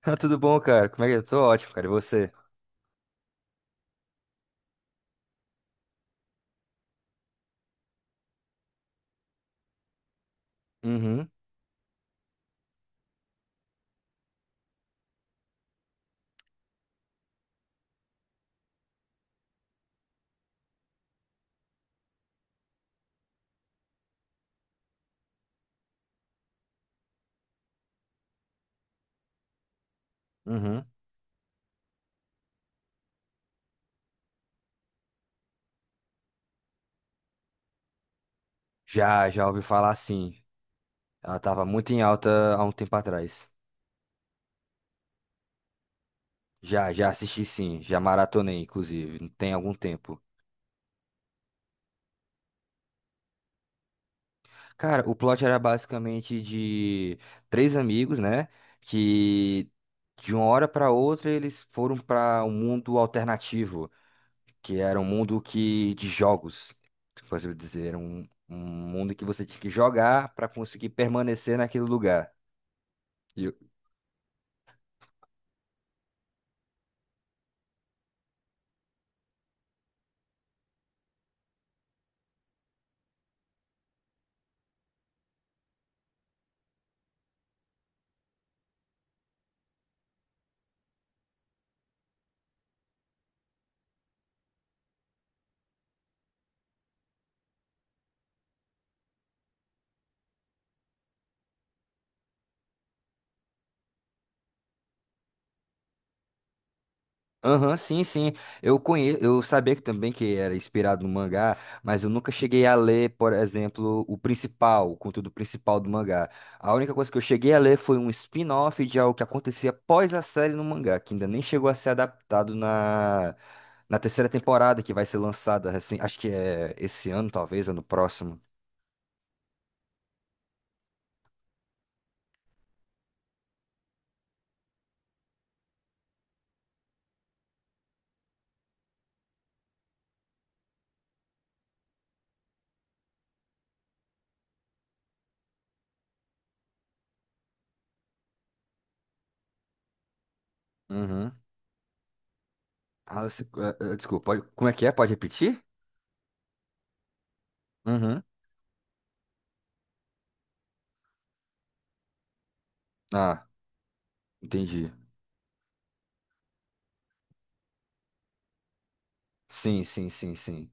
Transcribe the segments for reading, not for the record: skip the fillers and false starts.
Ah, tudo bom, cara? Como é que eu tô? Ótimo, cara. E você? Uhum, uhum. Já ouvi falar sim. Ela tava muito em alta há um tempo atrás. Já assisti sim. Já maratonei, inclusive. Tem algum tempo. Cara, o plot era basicamente de três amigos, né? Que de uma hora pra outra eles foram pra um mundo alternativo, que era um mundo que de jogos. Como eu dizer, era um mundo que você tinha que jogar pra conseguir permanecer naquele lugar. Aham, sim, sim. Eu conheço, eu sabia que também que era inspirado no mangá, mas eu nunca cheguei a ler, por exemplo, o principal, o conteúdo principal do mangá. A única coisa que eu cheguei a ler foi um spin-off de algo que acontecia após a série no mangá, que ainda nem chegou a ser adaptado na terceira temporada, que vai ser lançada, assim, acho que é esse ano, talvez, ou no próximo. Uhum. Ah, desculpa, como é que é? Pode repetir? Uhum. Ah, entendi. Sim, sim, sim, sim.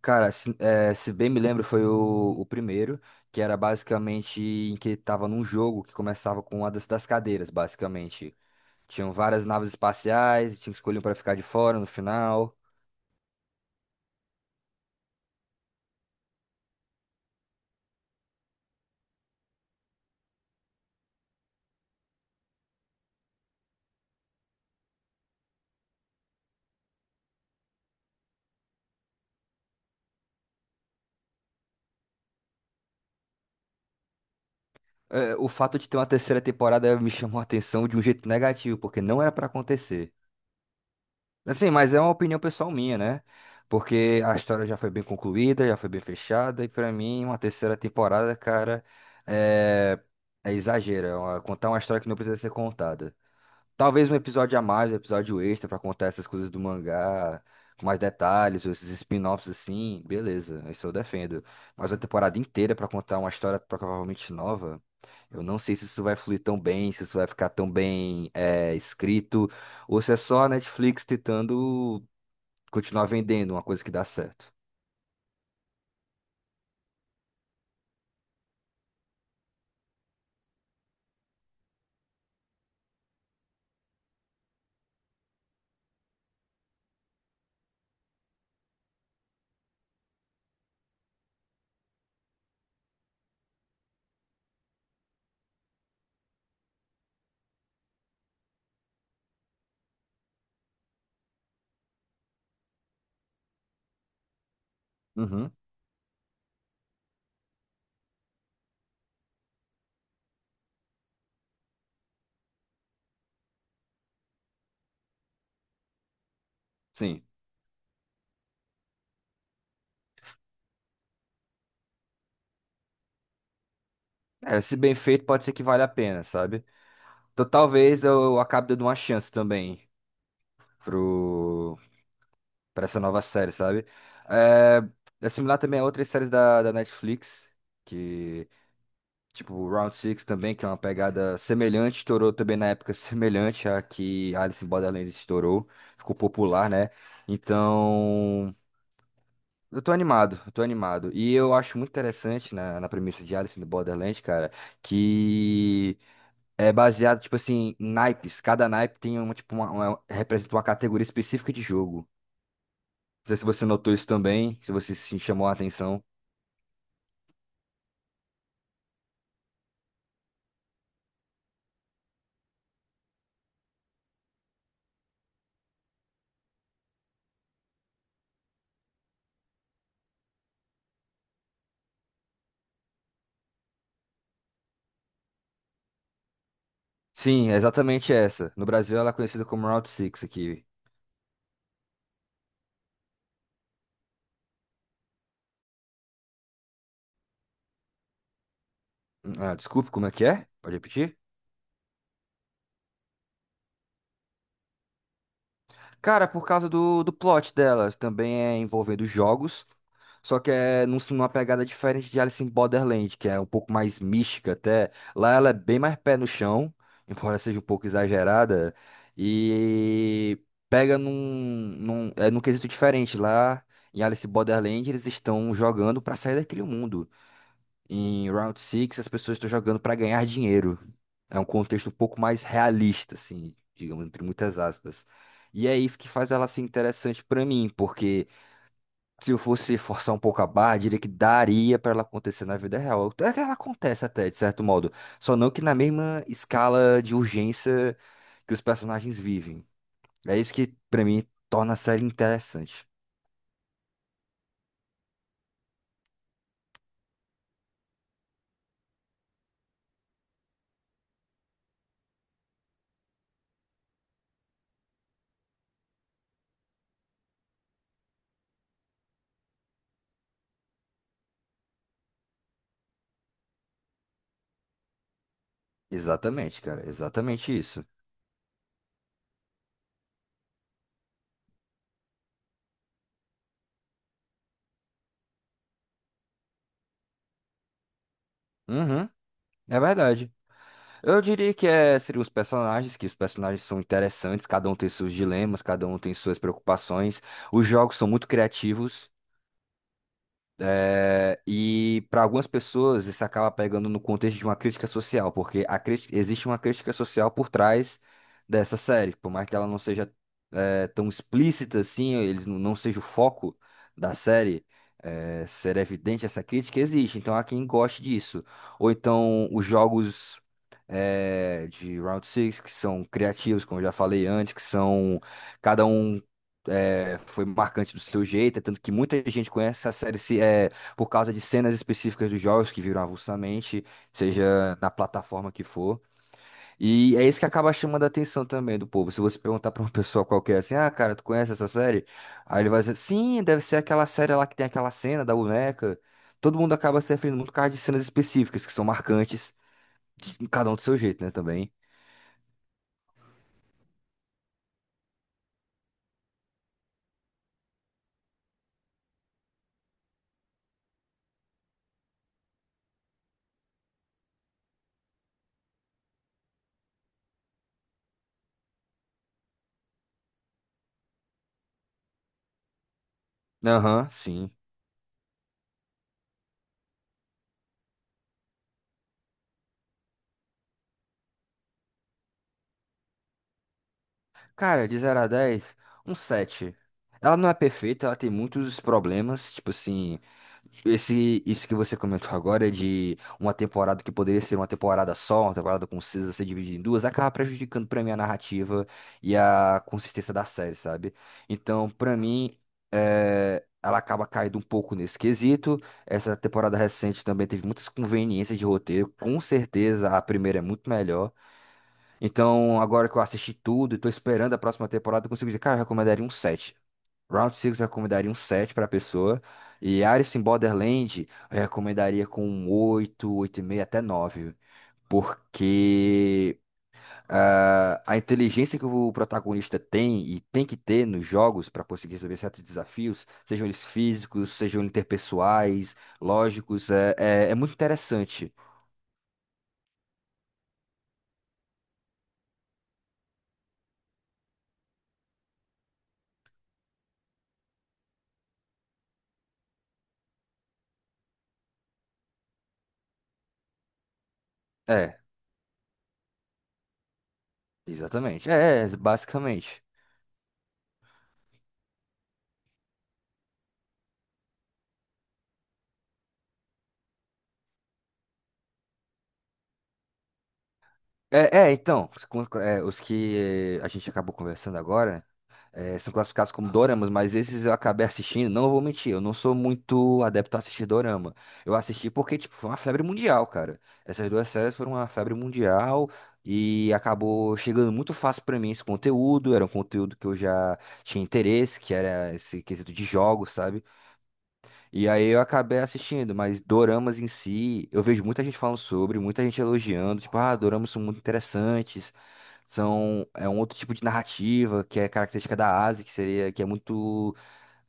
Cara, se bem me lembro, foi o primeiro, que era basicamente em que tava num jogo que começava com uma das cadeiras, basicamente. Tinham várias naves espaciais, tinha que escolher um pra ficar de fora no final. O fato de ter uma terceira temporada me chamou a atenção de um jeito negativo, porque não era pra acontecer. Assim, mas é uma opinião pessoal minha, né? Porque a história já foi bem concluída, já foi bem fechada, e pra mim, uma terceira temporada, cara, é, é exagero. É uma- contar uma história que não precisa ser contada. Talvez um episódio a mais, um episódio extra pra contar essas coisas do mangá, com mais detalhes, ou esses spin-offs assim, beleza, isso eu defendo. Mas uma temporada inteira pra contar uma história provavelmente nova, eu não sei se isso vai fluir tão bem, se isso vai ficar tão bem escrito, ou se é só a Netflix tentando continuar vendendo uma coisa que dá certo. Uhum, sim. É, se bem feito, pode ser que valha a pena, sabe? Então talvez eu acabe dando uma chance também pro pra essa nova série, sabe? É, É similar também a outras séries da Netflix, que, tipo, Round Six também, que é uma pegada semelhante, estourou também na época semelhante à que Alice in Borderlands estourou, ficou popular, né? Então, eu tô animado. E eu acho muito interessante na premissa de Alice in Borderlands, cara, que é baseado, tipo assim, em naipes. Cada naipe tem uma, tipo, representa uma categoria específica de jogo. Não sei se você notou isso também, se você se chamou a atenção. Sim, é exatamente essa. No Brasil ela é conhecida como Route 6 aqui. Ah, desculpe, como é que é? Pode repetir? Cara, por causa do plot delas, também é envolvendo jogos, só que é numa pegada diferente de Alice in Borderland, que é um pouco mais mística até. Lá ela é bem mais pé no chão, embora seja um pouco exagerada, e pega num quesito diferente. Lá em Alice in Borderland, eles estão jogando pra sair daquele mundo. Em Round Six as pessoas estão jogando para ganhar dinheiro. É um contexto um pouco mais realista, assim, digamos, entre muitas aspas. E é isso que faz ela ser interessante para mim, porque se eu fosse forçar um pouco a barra, diria que daria para ela acontecer na vida real. Até que ela acontece até, de certo modo. Só não que na mesma escala de urgência que os personagens vivem. É isso que, para mim, torna a série interessante. Exatamente, cara. Exatamente isso. Uhum, é verdade. Eu diria que seriam os personagens, que os personagens são interessantes, cada um tem seus dilemas, cada um tem suas preocupações. Os jogos são muito criativos, e para algumas pessoas isso acaba pegando no contexto de uma crítica social, porque a existe uma crítica social por trás dessa série, por mais que ela não seja tão explícita assim, eles não, não seja o foco da série, ser evidente essa crítica, existe. Então há quem goste disso. Ou então os jogos de Round Six que são criativos, como eu já falei antes, que são. Cada um foi marcante do seu jeito, é tanto que muita gente conhece a série se, é, por causa de cenas específicas dos jogos que viram avulsamente, seja na plataforma que for. E é isso que acaba chamando a atenção também do povo. Se você perguntar pra uma pessoa qualquer assim, ah, cara, tu conhece essa série? Aí ele vai dizer, sim, deve ser aquela série lá que tem aquela cena da boneca. Todo mundo acaba se referindo muito por causa de cenas específicas, que são marcantes, e cada um do seu jeito, né, também. Aham, sim. Cara, de zero a 10 um 7. Ela não é perfeita, ela tem muitos problemas, tipo assim, isso que você comentou agora de uma temporada que poderia ser uma temporada só, uma temporada concisa ser dividida em duas, acaba prejudicando pra mim a narrativa e a consistência da série, sabe? Então, pra mim, ela acaba caindo um pouco nesse quesito. Essa temporada recente também teve muitas conveniências de roteiro, com certeza a primeira é muito melhor. Então, agora que eu assisti tudo e tô esperando a próxima temporada, eu consigo dizer, cara, eu recomendaria um 7. Round 6 eu recomendaria um 7 pra pessoa. E Alice in Borderland eu recomendaria com um oito, e meio até 9. Porque ah, a inteligência que o protagonista tem e tem que ter nos jogos para conseguir resolver certos desafios, sejam eles físicos, sejam interpessoais, lógicos, é muito interessante. É, exatamente. Basicamente. Então, os os que a gente acabou conversando agora são classificados como doramas, mas esses eu acabei assistindo, não vou mentir, eu não sou muito adepto a assistir dorama. Eu assisti porque, tipo, foi uma febre mundial, cara. Essas duas séries foram uma febre mundial e acabou chegando muito fácil pra mim esse conteúdo, era um conteúdo que eu já tinha interesse, que era esse quesito de jogos, sabe? E aí eu acabei assistindo, mas doramas em si, eu vejo muita gente falando sobre, muita gente elogiando, tipo, ah, doramas são muito interessantes são, é um outro tipo de narrativa que é característica da Ásia, que seria, que é muito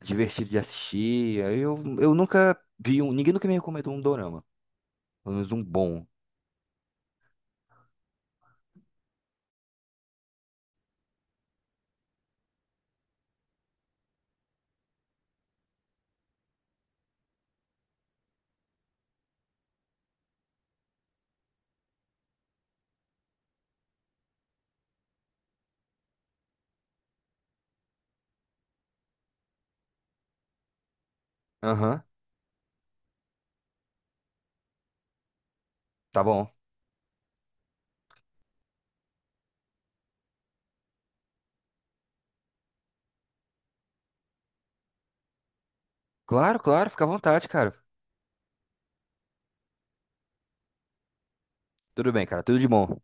divertido de assistir. Eu nunca vi um, ninguém nunca me recomendou um dorama, pelo menos um bom. Aham, tá bom. Claro, claro, fica à vontade, cara. Tudo bem, cara, tudo de bom.